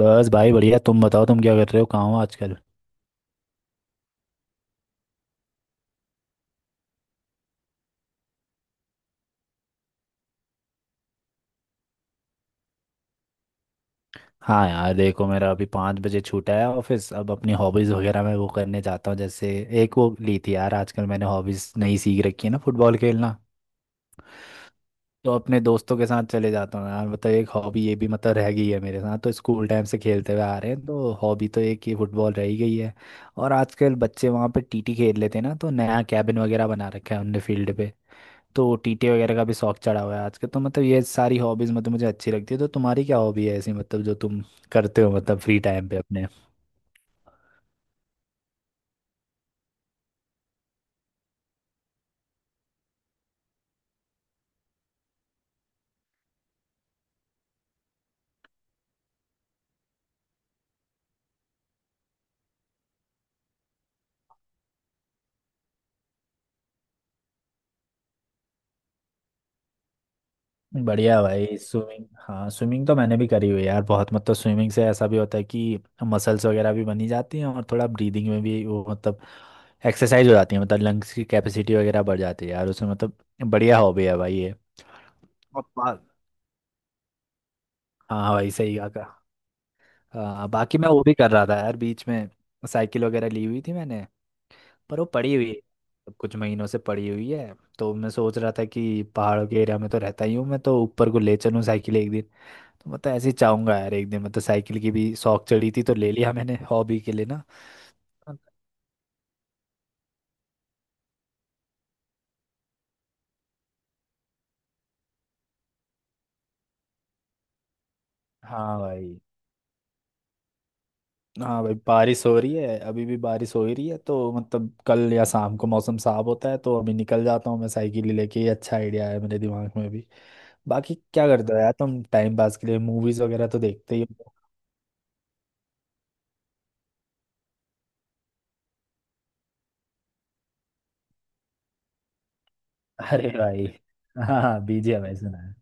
बस भाई बढ़िया। तुम बताओ, तुम क्या कर रहे हो, कहाँ हो आजकल? हाँ यार देखो, मेरा अभी 5 बजे छूटा है ऑफिस। अब अपनी हॉबीज़ वगैरह मैं वो करने जाता हूँ। जैसे एक वो ली थी यार, आजकल मैंने हॉबीज़ नई सीख रखी है ना, फुटबॉल खेलना। तो अपने दोस्तों के साथ चले जाता हूँ यार, मतलब एक हॉबी ये भी मतलब रह गई है। मेरे साथ तो स्कूल टाइम से खेलते हुए आ रहे हैं, तो हॉबी तो एक ही फुटबॉल रह ही गई है। और आजकल बच्चे वहाँ पे टीटी खेल लेते हैं ना, तो नया कैबिन वगैरह बना रखा है उनने फील्ड पे। तो टीटे वगैरह का भी शौक चढ़ा हुआ है आजकल तो, मतलब ये सारी हॉबीज मतलब मुझे अच्छी लगती है। तो तुम्हारी क्या हॉबी है ऐसी, मतलब जो तुम करते हो, मतलब फ्री टाइम पे अपने। बढ़िया भाई, स्विमिंग। हाँ स्विमिंग तो मैंने भी करी हुई है यार, बहुत। मतलब स्विमिंग से ऐसा भी होता है कि मसल्स वगैरह भी बनी जाती हैं, और थोड़ा ब्रीदिंग में भी वो मतलब एक्सरसाइज हो जाती है, मतलब लंग्स की कैपेसिटी वगैरह बढ़ जाती है यार उसमें। मतलब बढ़िया हॉबी है भाई ये। और हाँ भाई सही कहा। हाँ, बाकी मैं वो भी कर रहा था यार बीच में, साइकिल वगैरह ली हुई थी मैंने, पर वो पड़ी हुई है कुछ महीनों से पड़ी हुई है। तो मैं सोच रहा था कि पहाड़ों के एरिया में तो रहता ही हूँ मैं, तो ऊपर को ले चलूँ साइकिल एक दिन। तो मतलब ऐसे ही चाहूंगा यार एक दिन, मतलब साइकिल की भी शौक चढ़ी थी तो ले लिया मैंने हॉबी के लिए ना। हाँ भाई। हाँ भाई, बारिश हो रही है अभी भी, बारिश हो ही रही है। तो मतलब कल या शाम को मौसम साफ होता है तो अभी निकल जाता हूँ मैं साइकिल ही लेके। ये अच्छा आइडिया है मेरे दिमाग में भी। बाकी क्या करते हो यार तुम टाइम पास के लिए, मूवीज वगैरह तो देखते ही हो? अरे भाई। हाँ, बीजिएमआई सुना है।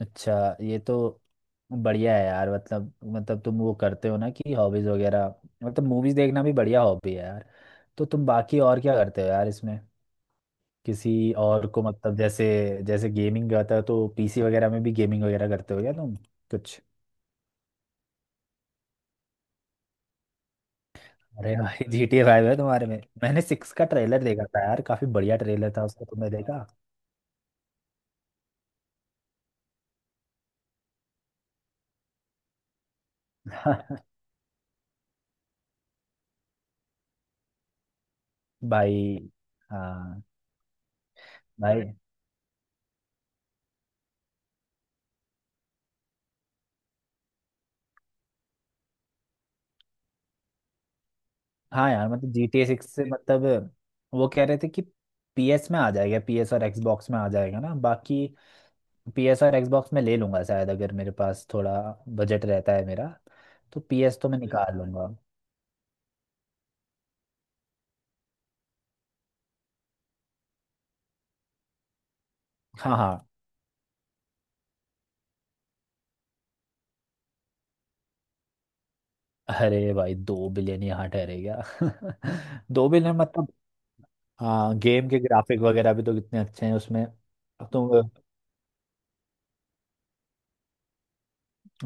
अच्छा, ये तो बढ़िया है यार। मतलब मतलब तुम वो करते हो ना कि हॉबीज वगैरह, मतलब मूवीज देखना भी बढ़िया हॉबी है यार। तो तुम बाकी और क्या करते हो यार इसमें, किसी और को मतलब, जैसे जैसे गेमिंग करता हो तो पीसी वगैरह में भी गेमिंग वगैरह करते हो क्या तुम कुछ? अरे भाई, GTA 5 है तुम्हारे में। मैंने 6 का ट्रेलर देखा था यार, काफी बढ़िया ट्रेलर था उसका, तुमने देखा? भाई। हाँ भाई। हाँ यार मतलब, GTA 6 से मतलब वो कह रहे थे कि PS में आ जाएगा, PS और Xbox में आ जाएगा ना बाकी। पी एस और Xbox में ले लूंगा शायद, अगर मेरे पास थोड़ा बजट रहता है मेरा, तो PS तो मैं निकाल लूंगा। हाँ हाँ। अरे भाई, 2 बिलियन, यहाँ ठहरेगा। 2 बिलियन मतलब। हाँ, गेम के ग्राफिक वगैरह भी तो कितने अच्छे हैं उसमें। तो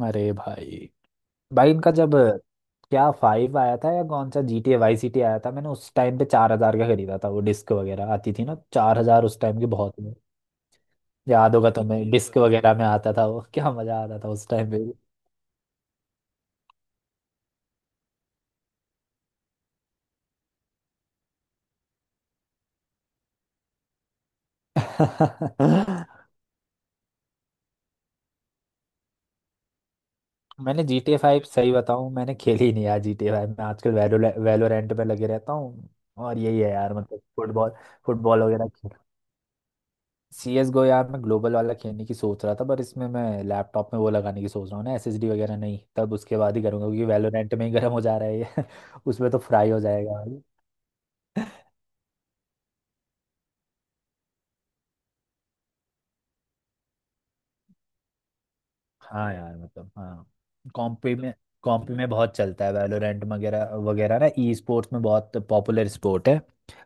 अरे भाई। भाई इनका जब क्या 5 आया था या कौन सा GTA YCT आया था, मैंने उस टाइम पे 4 हजार का खरीदा था वो, डिस्क वगैरह आती थी ना, 4 हजार उस टाइम की बहुत है। याद होगा तुम्हें, डिस्क वगैरह में आता था वो। क्या मजा आता था उस टाइम पे भी। मैंने GTA 5 सही बताऊं मैंने खेली ही नहीं यार, GTA 5। मैं आजकल वैलोरेंट पे लगे रहता हूँ। और यही है यार, मतलब फुटबॉल, फुटबॉल वगैरह। CS:GO यार मैं ग्लोबल वाला खेलने की सोच रहा था, पर इसमें मैं लैपटॉप में वो लगाने की सोच रहा हूँ ना SSD वगैरह, नहीं तब उसके बाद ही करूँगा, क्योंकि वैलोरेंट में ही गर्म हो जा रहा है ये, उसमें तो फ्राई हो जाएगा भाई। हाँ यार मतलब हाँ। कॉम्पी में, कॉम्पी में बहुत चलता है वैलोरेंट वगैरह वगैरह ना, ई स्पोर्ट्स में बहुत पॉपुलर स्पोर्ट है।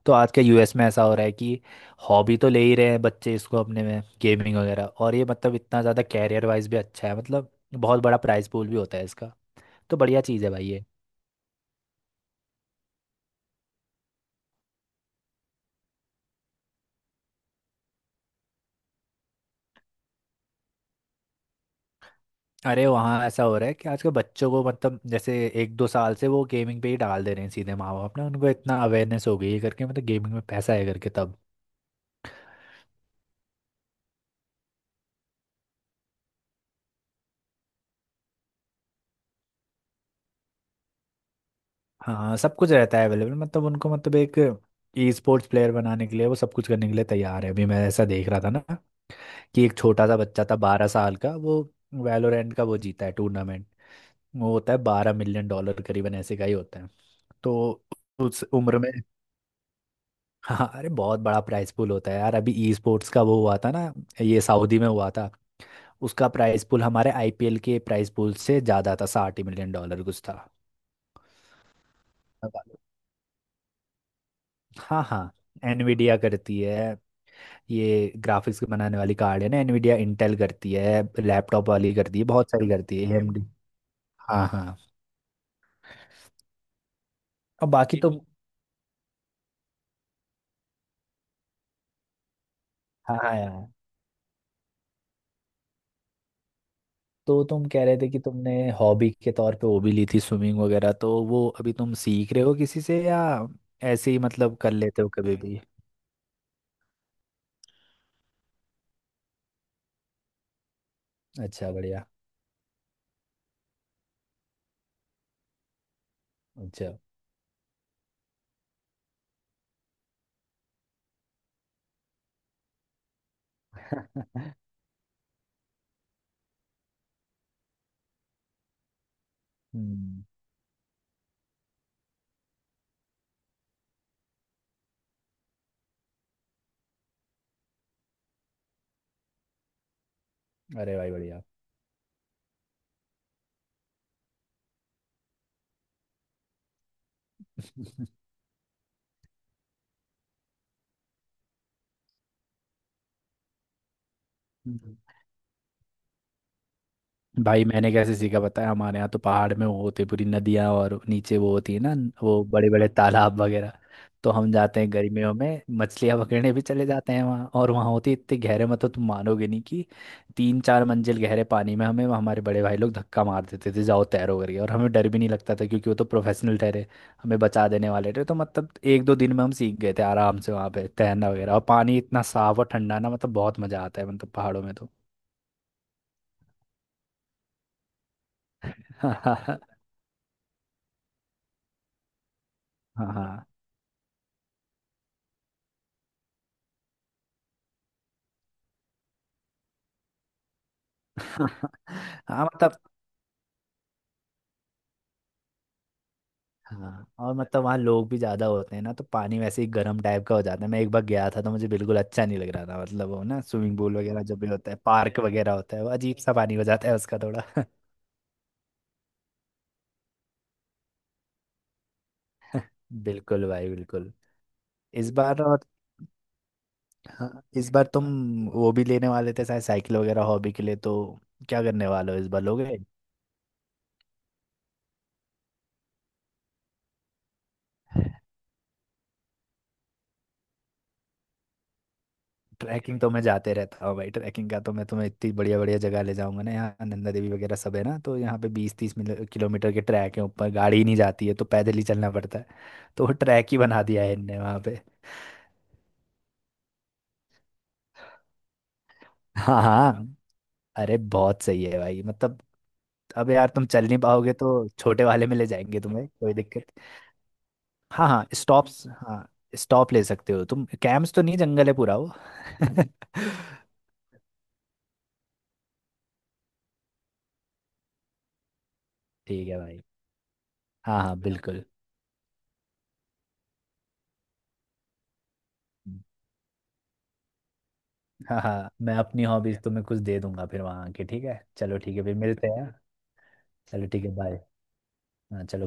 तो आज के यूएस में ऐसा हो रहा है कि हॉबी तो ले ही रहे हैं बच्चे इसको अपने में, गेमिंग वगैरह, और ये मतलब इतना ज़्यादा कैरियर वाइज भी अच्छा है, मतलब बहुत बड़ा प्राइस पूल भी होता है इसका। तो बढ़िया चीज़ है भाई ये। अरे वहाँ ऐसा हो रहा है कि आजकल बच्चों को मतलब जैसे एक दो साल से वो गेमिंग पे ही डाल दे रहे हैं सीधे माँ बाप ना, उनको इतना अवेयरनेस हो गई है करके, मतलब गेमिंग में पैसा है करके तब। हाँ सब कुछ रहता है अवेलेबल, मतलब उनको, मतलब एक ई स्पोर्ट्स प्लेयर बनाने के लिए वो सब कुछ करने के लिए तैयार है। अभी मैं ऐसा देख रहा था ना कि एक छोटा सा बच्चा था 12 साल का, वो वैलोरेंट का वो जीता है टूर्नामेंट। वो होता है 12 मिलियन डॉलर करीबन ऐसे का ही होता है। तो उस उम्र में। हाँ अरे बहुत बड़ा प्राइस पूल होता है यार, अभी ई स्पोर्ट्स का वो हुआ था ना, ये सऊदी में हुआ था। उसका प्राइस पूल हमारे आईपीएल के प्राइस पूल से ज़्यादा था, 60 मिलियन डॉलर कुछ था। हाँ हाँ, एनवीडिया करती है, ये ग्राफिक्स बनाने वाली कार्ड है ना एनवीडिया, इंटेल करती है लैपटॉप वाली, करती है बहुत सारी, करती है एएमडी। हाँ हाँ। और बाकी तुम, हाँ हाँ यार, तो तुम कह रहे थे कि तुमने हॉबी के तौर पे वो भी ली थी स्विमिंग वगैरह, तो वो अभी तुम सीख रहे हो किसी से या ऐसे ही मतलब कर लेते हो कभी भी? अच्छा बढ़िया। अच्छा। हम्म। अरे भाई बढ़िया। भाई मैंने कैसे सीखा पता है, हमारे यहाँ तो पहाड़ में वो होते हैं, पूरी नदियाँ, और नीचे वो होती है ना, वो बड़े बड़े तालाब वगैरह। तो हम जाते हैं गर्मियों में, मछलियाँ पकड़ने भी चले जाते हैं वहाँ, और वहाँ होती है इतने गहरे, मतलब तुम मानोगे नहीं कि तीन चार मंजिल गहरे पानी में हमें हमारे बड़े भाई लोग धक्का मार देते थे जाओ तैरो करके, और हमें डर भी नहीं लगता था क्योंकि वो तो प्रोफेशनल ठहरे, हमें बचा देने वाले थे। तो मतलब एक दो दिन में हम सीख गए थे आराम से वहाँ पे तैरना वगैरह, और पानी इतना साफ और ठंडा ना, मतलब बहुत मज़ा आता है मतलब पहाड़ों में तो। हाँ हाँ। हाँ मतलब। हाँ और मतलब वहाँ लोग भी ज्यादा होते हैं ना तो पानी वैसे ही गर्म टाइप का हो जाता है, मैं एक बार गया था तो मुझे बिल्कुल अच्छा नहीं लग रहा था, मतलब वो ना स्विमिंग पूल वगैरह जब भी होता है पार्क वगैरह होता है, वो अजीब सा पानी हो जाता है उसका थोड़ा। बिल्कुल भाई बिल्कुल। इस बार और। हाँ इस बार तुम वो भी लेने वाले थे शायद साइकिल वगैरह हॉबी के लिए तो, क्या करने वाले हो इस बार, लोगे? ट्रैकिंग तो मैं जाते रहता हूँ भाई, ट्रैकिंग का तो मैं तुम्हें इतनी बढ़िया बढ़िया जगह ले जाऊंगा ना, यहाँ नंदा देवी वगैरह सब है ना, तो यहाँ पे 20-30 किलोमीटर के ट्रैक है, ऊपर गाड़ी ही नहीं जाती है तो पैदल ही चलना पड़ता है, तो वो ट्रैक ही बना दिया है इनने वहाँ पे। हाँ हाँ। अरे बहुत सही है भाई, मतलब अब यार तुम चल नहीं पाओगे तो छोटे वाले में ले जाएंगे तुम्हें, कोई दिक्कत। हाँ हाँ, स्टॉप्स हाँ। स्टॉप ले सकते हो तुम, कैंप्स तो नहीं, जंगल है पूरा वो। ठीक है भाई। हाँ हाँ बिल्कुल। हाँ हाँ, मैं अपनी हॉबीज तुम्हें कुछ दे दूंगा फिर वहां आके, ठीक है, चलो ठीक है फिर मिलते हैं। चलो ठीक है, बाय। हाँ चलो।